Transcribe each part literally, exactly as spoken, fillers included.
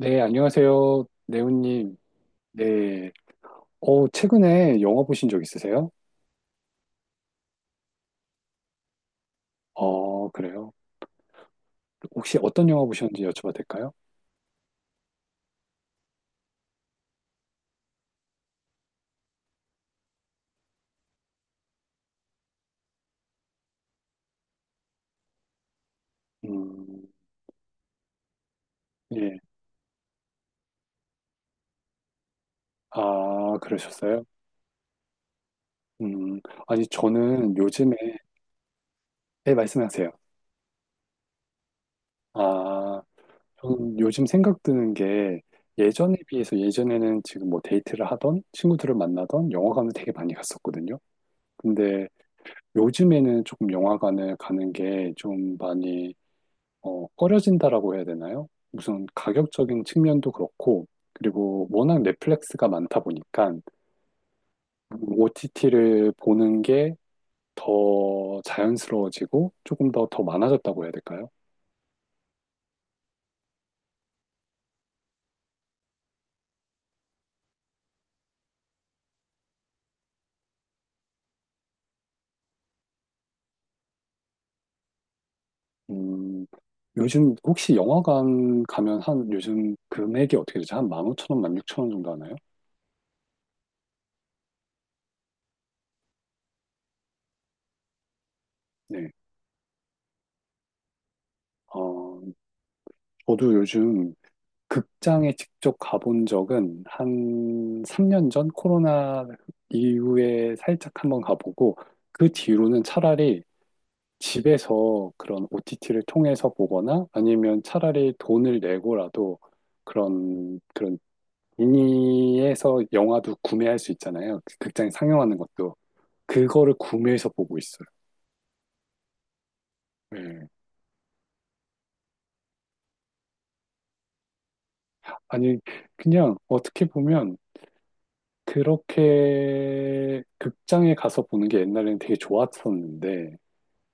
네, 안녕하세요, 네오님. 네. 어, 최근에 영화 보신 적 있으세요? 어, 그래요. 혹시 어떤 영화 보셨는지 여쭤봐도 될까요? 음, 예. 아, 그러셨어요? 음, 아니, 저는 요즘에, 네, 말씀하세요. 아, 저는 요즘 생각 드는 게 예전에 비해서 예전에는 지금 뭐 데이트를 하던 친구들을 만나던 영화관을 되게 많이 갔었거든요. 근데 요즘에는 조금 영화관을 가는 게 좀 많이 어, 꺼려진다라고 해야 되나요? 무슨 가격적인 측면도 그렇고, 그리고 워낙 넷플릭스가 많다 보니까 오티티를 보는 게 더 자연스러워지고 조금 더 더 많아졌다고 해야 될까요? 음, 요즘 혹시 영화관 가면 한 요즘 금액이 어떻게 되죠? 한 만 오천 원, 만 육천 원 정도 하나요? 네. 어, 저도 요즘 극장에 직접 가본 적은 한 삼 년 전 코로나 이후에 살짝 한번 가보고 그 뒤로는 차라리 집에서 그런 오티티를 통해서 보거나 아니면 차라리 돈을 내고라도 그런 그런 미니에서 영화도 구매할 수 있잖아요. 그 극장에 상영하는 것도 그거를 구매해서 보고 있어요. 예. 아니, 그냥 어떻게 보면 그렇게 극장에 가서 보는 게 옛날에는 되게 좋았었는데,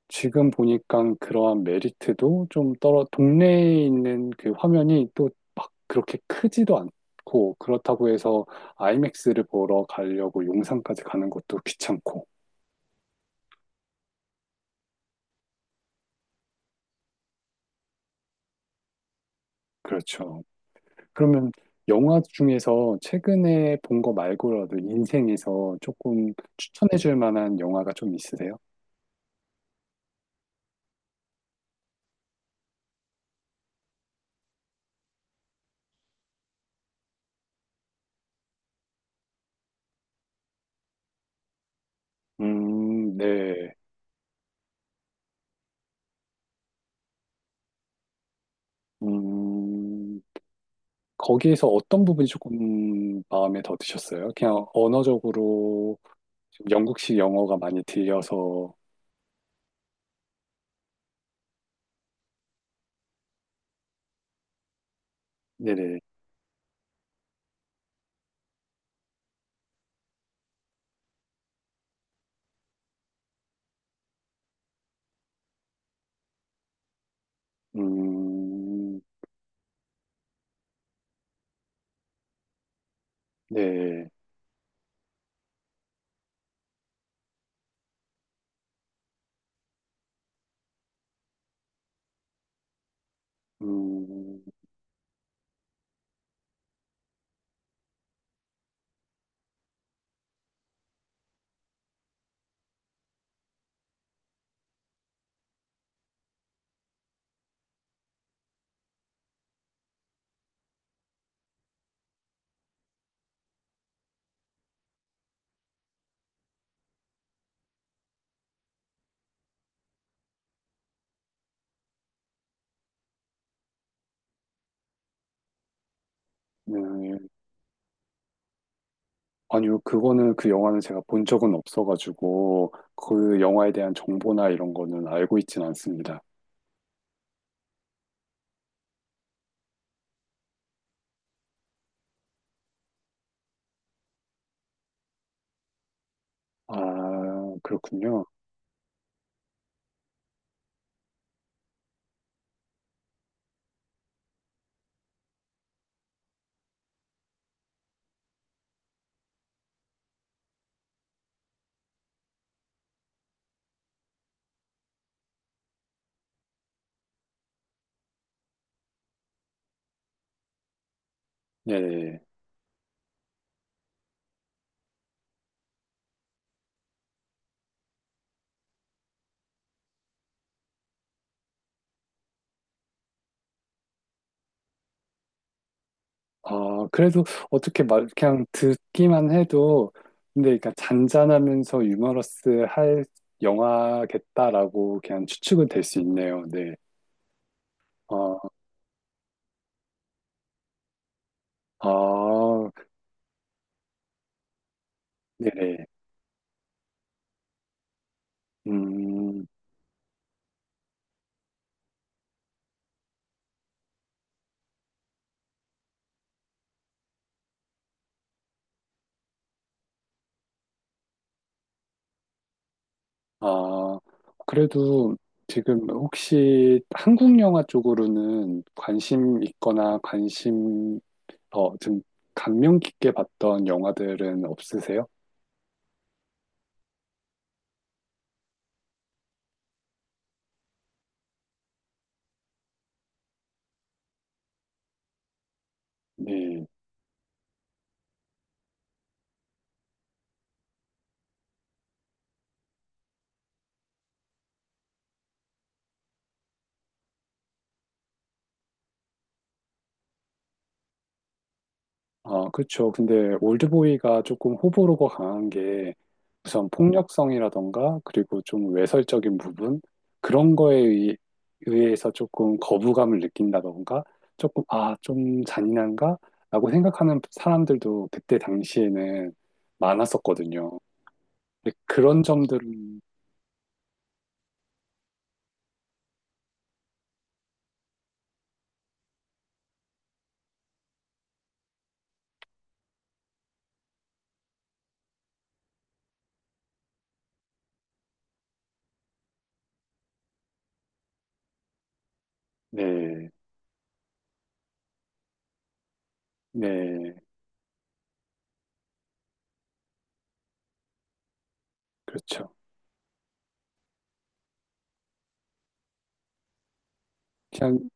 지금 보니까 그러한 메리트도 좀 떨어, 동네에 있는 그 화면이 또 막 그렇게 크지도 않고, 그렇다고 해서 아이맥스를 보러 가려고 용산까지 가는 것도 귀찮고, 그렇죠. 그러면 영화 중에서 최근에 본 거 말고라도 인생에서 조금 추천해 줄 만한 영화가 좀 있으세요? 음, 네. 음, 거기에서 어떤 부분이 조금 마음에 더 드셨어요? 그냥 언어적으로 좀 영국식 영어가 많이 들려서. 네네, 음, 네, 음, 네. 아니요, 그거는 그 영화는 제가 본 적은 없어가지고, 그 영화에 대한 정보나 이런 거는 알고 있진 않습니다. 아, 그렇군요. 네. 아, 그래도 어떻게 말, 그냥 듣기만 해도, 근데 그러니까 잔잔하면서 유머러스 할 영화겠다라고 그냥 추측은 될 수 있네요. 네. 아, 아, 네네. 음, 아, 그래도 지금 혹시 한국 영화 쪽으로는 관심 있거나 관심, 어, 좀 감명 깊게 봤던 영화들은 없으세요? 네. 아, 그렇죠. 근데 올드보이가 조금 호불호가 강한 게 우선 폭력성이라던가 그리고 좀 외설적인 부분 그런 거에 의- 의해서 조금 거부감을 느낀다던가 조금 아, 좀 잔인한가 라고 생각하는 사람들도 그때 당시에는 많았었거든요. 근데 그런 점들은 네, 네, 그렇죠. 그냥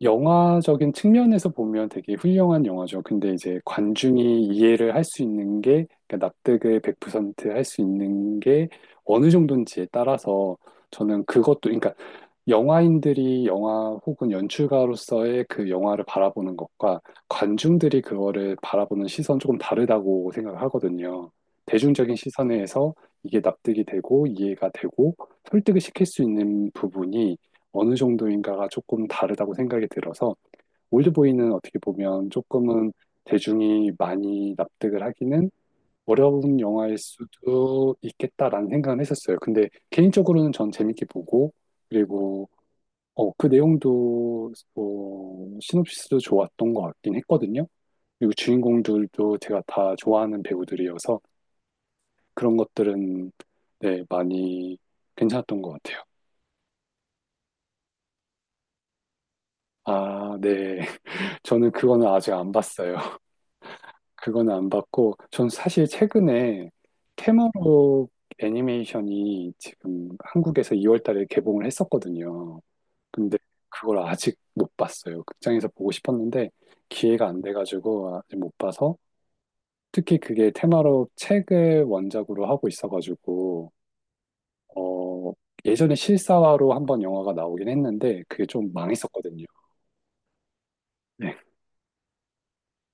영화적인 측면에서 보면 되게 훌륭한 영화죠. 근데 이제 관중이 이해를 할 수 있는 게, 그러니까 납득을 백 퍼센트 할 수 있는 게 어느 정도인지에 따라서 저는 그것도, 그러니까 영화인들이 영화 혹은 연출가로서의 그 영화를 바라보는 것과 관중들이 그거를 바라보는 시선 조금 다르다고 생각을 하거든요. 대중적인 시선에서 이게 납득이 되고 이해가 되고 설득을 시킬 수 있는 부분이 어느 정도인가가 조금 다르다고 생각이 들어서 올드보이는 어떻게 보면 조금은 대중이 많이 납득을 하기는 어려운 영화일 수도 있겠다라는 생각은 했었어요. 근데 개인적으로는 전 재밌게 보고, 그리고 어, 그 내용도 어, 시놉시스도 좋았던 것 같긴 했거든요. 그리고 주인공들도 제가 다 좋아하는 배우들이어서 그런 것들은 네, 많이 괜찮았던 것 같아요. 아, 네. 저는 그거는 아직 안 봤어요. 그거는 안 봤고, 전 사실 최근에 테마로 애니메이션이 지금 한국에서 이월 달에 개봉을 했었거든요. 근데 그걸 아직 못 봤어요. 극장에서 보고 싶었는데 기회가 안 돼가지고 아직 못 봐서 특히 그게 테마로 책을 원작으로 하고 있어가지고 어, 예전에 실사화로 한번 영화가 나오긴 했는데 그게 좀 망했었거든요. 네.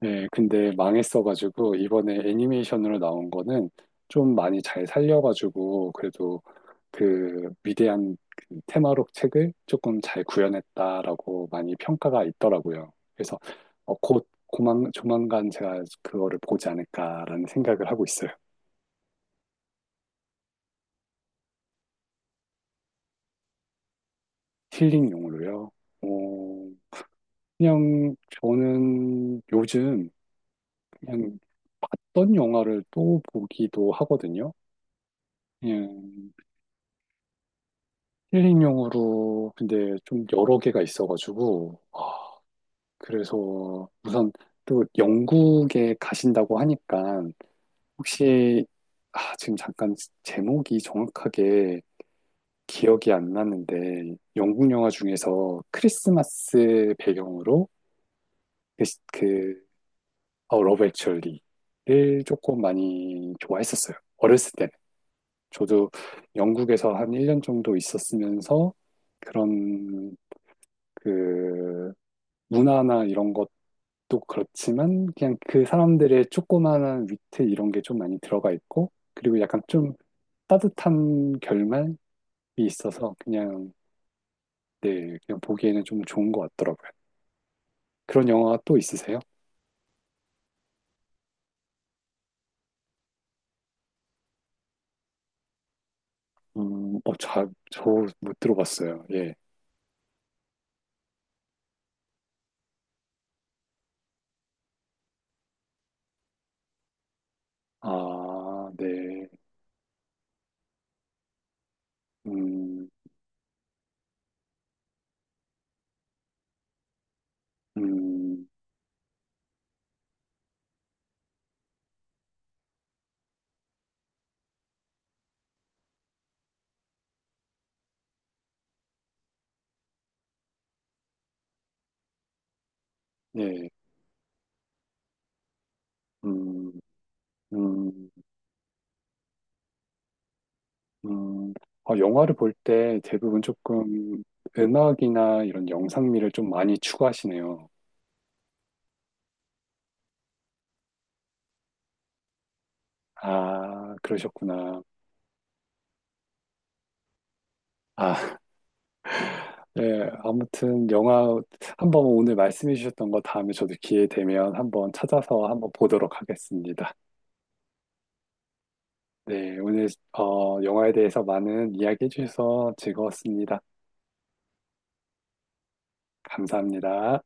네, 근데 망했어가지고 이번에 애니메이션으로 나온 거는 좀 많이 잘 살려가지고 그래도 그 위대한 그 테마록 책을 조금 잘 구현했다라고 많이 평가가 있더라고요. 그래서 어, 곧 고만, 조만간 제가 그거를 보지 않을까라는 생각을 하고 있어요. 힐링용으로요. 어, 그냥 저는 요즘 그냥 봤던 영화를 또 보기도 하거든요. 그냥 힐링용으로 근데 좀 여러 개가 있어가지고, 아, 그래서 우선 또 영국에 가신다고 하니까 혹시 아, 지금 잠깐 제목이 정확하게 기억이 안 나는데 영국 영화 중에서 크리스마스 배경으로 그, 시- 그 어, 러브 액츄얼리를 조금 많이 좋아했었어요. 어렸을 때는. 저도 영국에서 한 일 년 정도 있었으면서 그런 그 문화나 이런 것도 그렇지만 그냥 그 사람들의 조그마한 위트 이런 게 좀 많이 들어가 있고 그리고 약간 좀 따뜻한 결말이 있어서 그냥 네 그냥 보기에는 좀 좋은 것 같더라고요. 그런 영화가 또 있으세요? 음, 어, 잘, 저못 들어봤어요. 예. 아, 네. 음, 음, 예. 음, 음. 음, 아, 영화를 볼 때 대부분 조금 음악이나 이런 영상미를 좀 많이 추구하시네요. 아, 그러셨구나. 아, 네, 아무튼 영화 한번 오늘 말씀해 주셨던 거 다음에 저도 기회 되면 한번 찾아서 한번 보도록 하겠습니다. 네, 오늘 어, 영화에 대해서 많은 이야기해 주셔서 즐거웠습니다. 감사합니다.